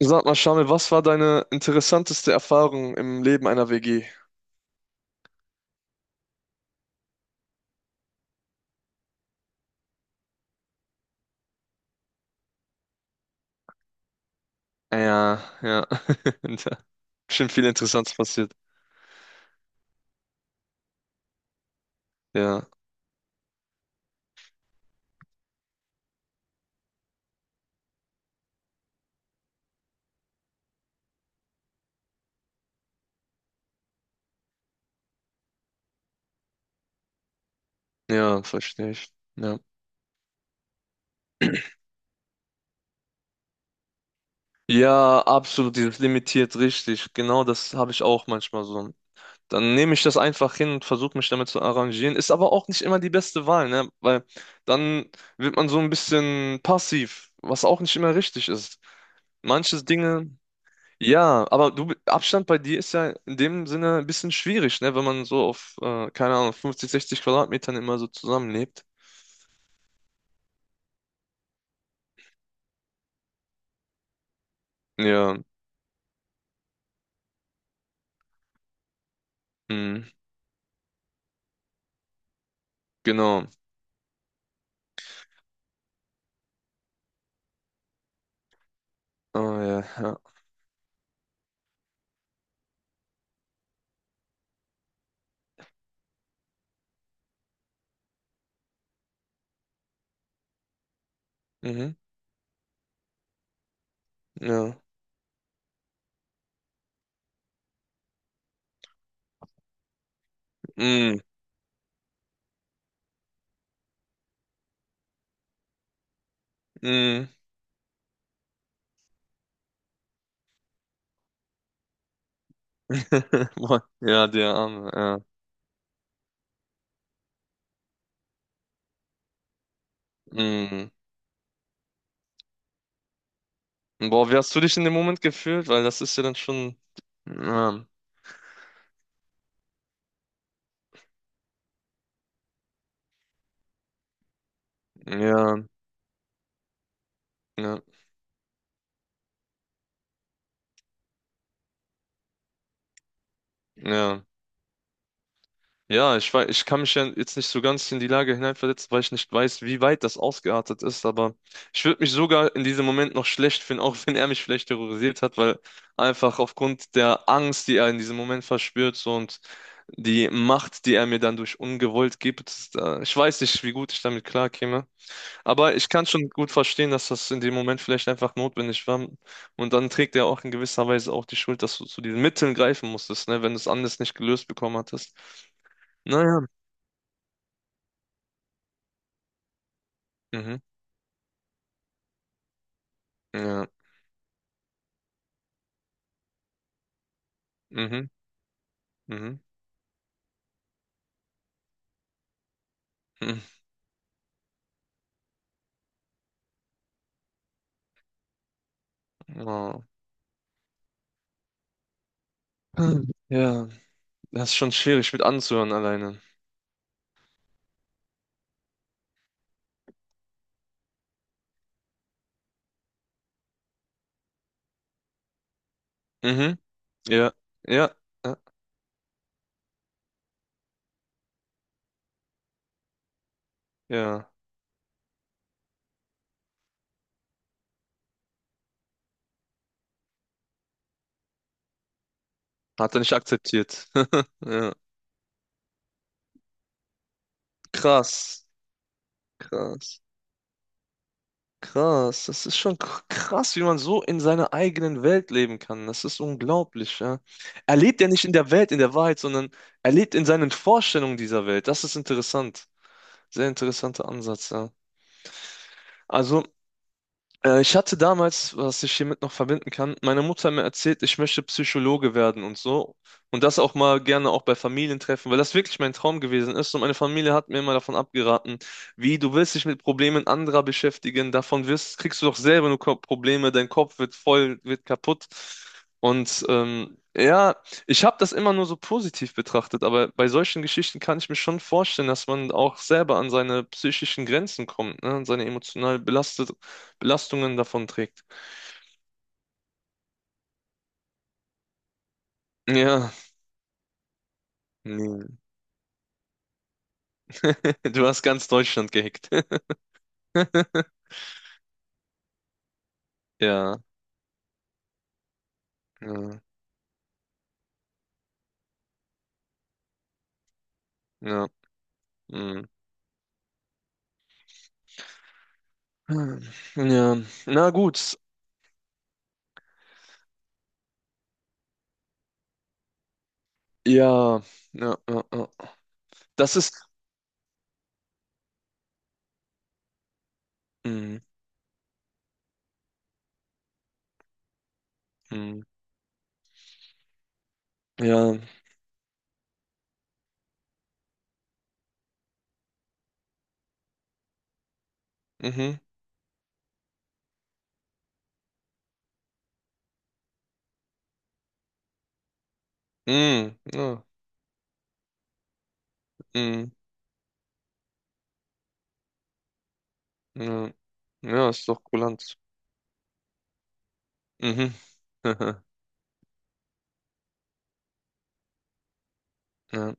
Sag mal, Shamil, was war deine interessanteste Erfahrung im Leben einer WG? Ja, ja. Da bestimmt viel Interessantes passiert. Ja, ja, verstehe ich. Ja. Ja, absolut, dieses limitiert richtig. Genau das habe ich auch manchmal so. Dann nehme ich das einfach hin und versuche mich damit zu arrangieren. Ist aber auch nicht immer die beste Wahl, ne? Weil dann wird man so ein bisschen passiv, was auch nicht immer richtig ist. Manches Dinge. Ja, aber du, Abstand bei dir ist ja in dem Sinne ein bisschen schwierig, ne? Wenn man so auf, keine Ahnung, 50, 60 Quadratmetern immer so zusammenlebt. Ja, mm, genau. Oh ja, ja. Mhm, ja. Mm, mm. Boah, ja, der Arme, ja. Mm. Boah, wie hast du dich in dem Moment gefühlt? Weil das ist ja dann schon. Ja, ja, ja, ja. Ja, ich weiß, ich kann mich ja jetzt nicht so ganz in die Lage hineinversetzen, weil ich nicht weiß, wie weit das ausgeartet ist, aber ich würde mich sogar in diesem Moment noch schlecht finden, auch wenn er mich vielleicht terrorisiert hat, weil einfach aufgrund der Angst, die er in diesem Moment verspürt so, und die Macht, die er mir dann durch Ungewollt gibt, ich weiß nicht, wie gut ich damit klarkäme, aber ich kann schon gut verstehen, dass das in dem Moment vielleicht einfach notwendig war und dann trägt er auch in gewisser Weise auch die Schuld, dass du zu diesen Mitteln greifen musstest, ne, wenn du es anders nicht gelöst bekommen hattest. Naja. Mhm. Ja. Mhm. Mhm. Mhm. Oh. Hm. Ja, das ist schon schwierig mit anzuhören alleine. Mhm. Ja. Ja. Ja. Ja. Hat er nicht akzeptiert. Ja. Krass. Krass. Krass. Das ist schon krass, wie man so in seiner eigenen Welt leben kann. Das ist unglaublich, ja. Er lebt ja nicht in der Welt, in der Wahrheit, sondern er lebt in seinen Vorstellungen dieser Welt. Das ist interessant. Sehr interessanter Ansatz, ja. Also, ich hatte damals, was ich hiermit noch verbinden kann, meine Mutter hat mir erzählt, ich möchte Psychologe werden und so. Und das auch mal gerne auch bei Familientreffen, weil das wirklich mein Traum gewesen ist. Und meine Familie hat mir immer davon abgeraten, wie du willst dich mit Problemen anderer beschäftigen, davon wirst, kriegst du doch selber nur Probleme, dein Kopf wird voll, wird kaputt. Und ja, ich habe das immer nur so positiv betrachtet, aber bei solchen Geschichten kann ich mir schon vorstellen, dass man auch selber an seine psychischen Grenzen kommt, ne? An seine emotional belastet, Belastungen davon trägt. Ja, nee. Du hast ganz Deutschland gehackt. Ja, ja, ja. Mm. Ja, na gut. Ja, ja, ja, ja. Das ist. Mm, mm. Ja, mhm. Mm, ja, mm, ja, ja, ist doch kulant. Mhm. Ja,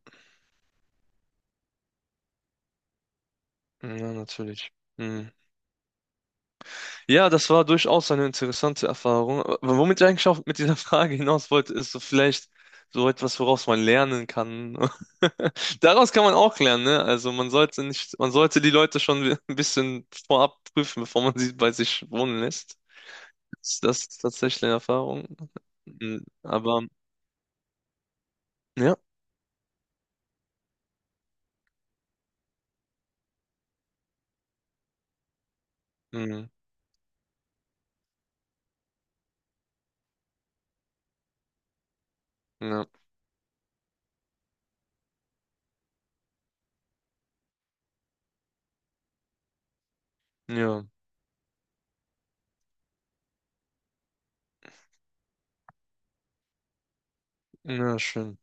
ja, natürlich. Mm. Ja, das war durchaus eine interessante Erfahrung. Aber womit ich eigentlich auch mit dieser Frage hinaus wollte, ist so vielleicht so etwas, woraus man lernen kann. Daraus kann man auch lernen, ne? Also man sollte nicht, man sollte die Leute schon ein bisschen vorab prüfen, bevor man sie bei sich wohnen lässt. Ist das tatsächlich eine Erfahrung? Mhm, aber ja, mhm, ja, ja, ja, schön.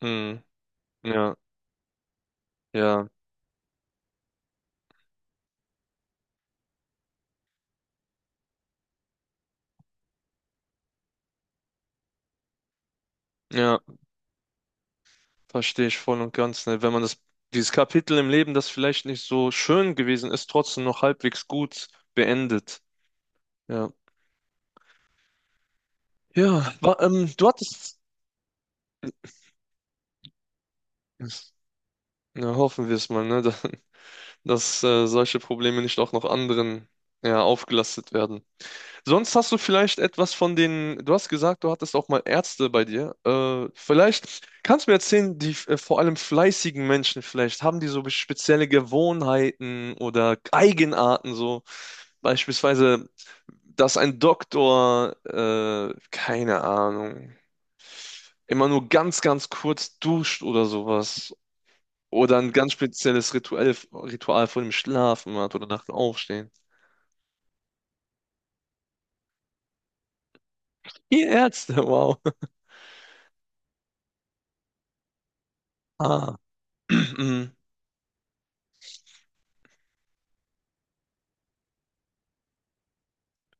Mhm, ja, ja, ja. Verstehe ich voll und ganz, ne? Wenn man das, dieses Kapitel im Leben, das vielleicht nicht so schön gewesen ist, trotzdem noch halbwegs gut beendet. Ja. Ja, du hattest. Ja, hoffen wir es mal, ne? Dass, solche Probleme nicht auch noch anderen ja, aufgelastet werden. Sonst hast du vielleicht etwas von den, du hast gesagt, du hattest auch mal Ärzte bei dir. Vielleicht kannst du mir erzählen, die vor allem fleißigen Menschen vielleicht, haben die so spezielle Gewohnheiten oder Eigenarten so? Beispielsweise, dass ein Doktor, keine Ahnung, immer nur ganz, ganz kurz duscht oder sowas. Oder ein ganz spezielles Ritual, Ritual vor dem Schlafen hat oder nach dem Aufstehen. Ihr Ärzte, wow. Ah.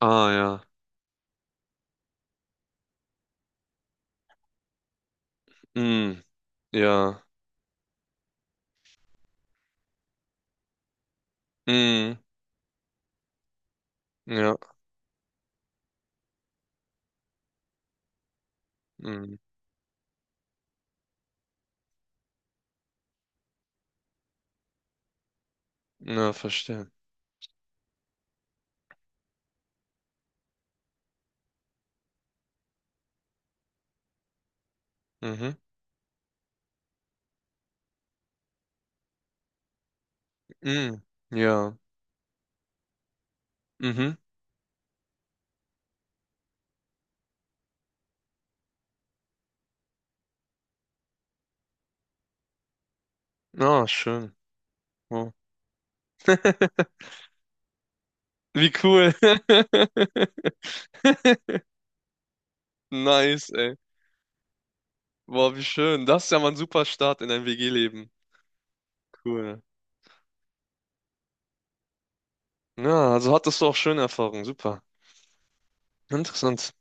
Ah ja. Mm, ja. Mm, ja. Mm, ja, verstehe. Mhm. Mm, ja. Mhm. Ah, schön. Wow. Wie cool. Nice, ey. Boah, wie schön. Das ist ja mal ein super Start in ein WG-Leben. Cool. Ja, also hattest du auch schöne Erfahrungen. Super. Interessant.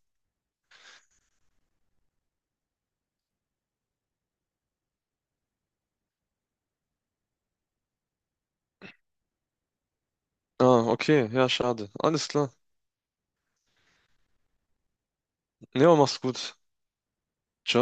Ah, okay. Ja, schade. Alles klar. Ja, mach's gut. Ciao.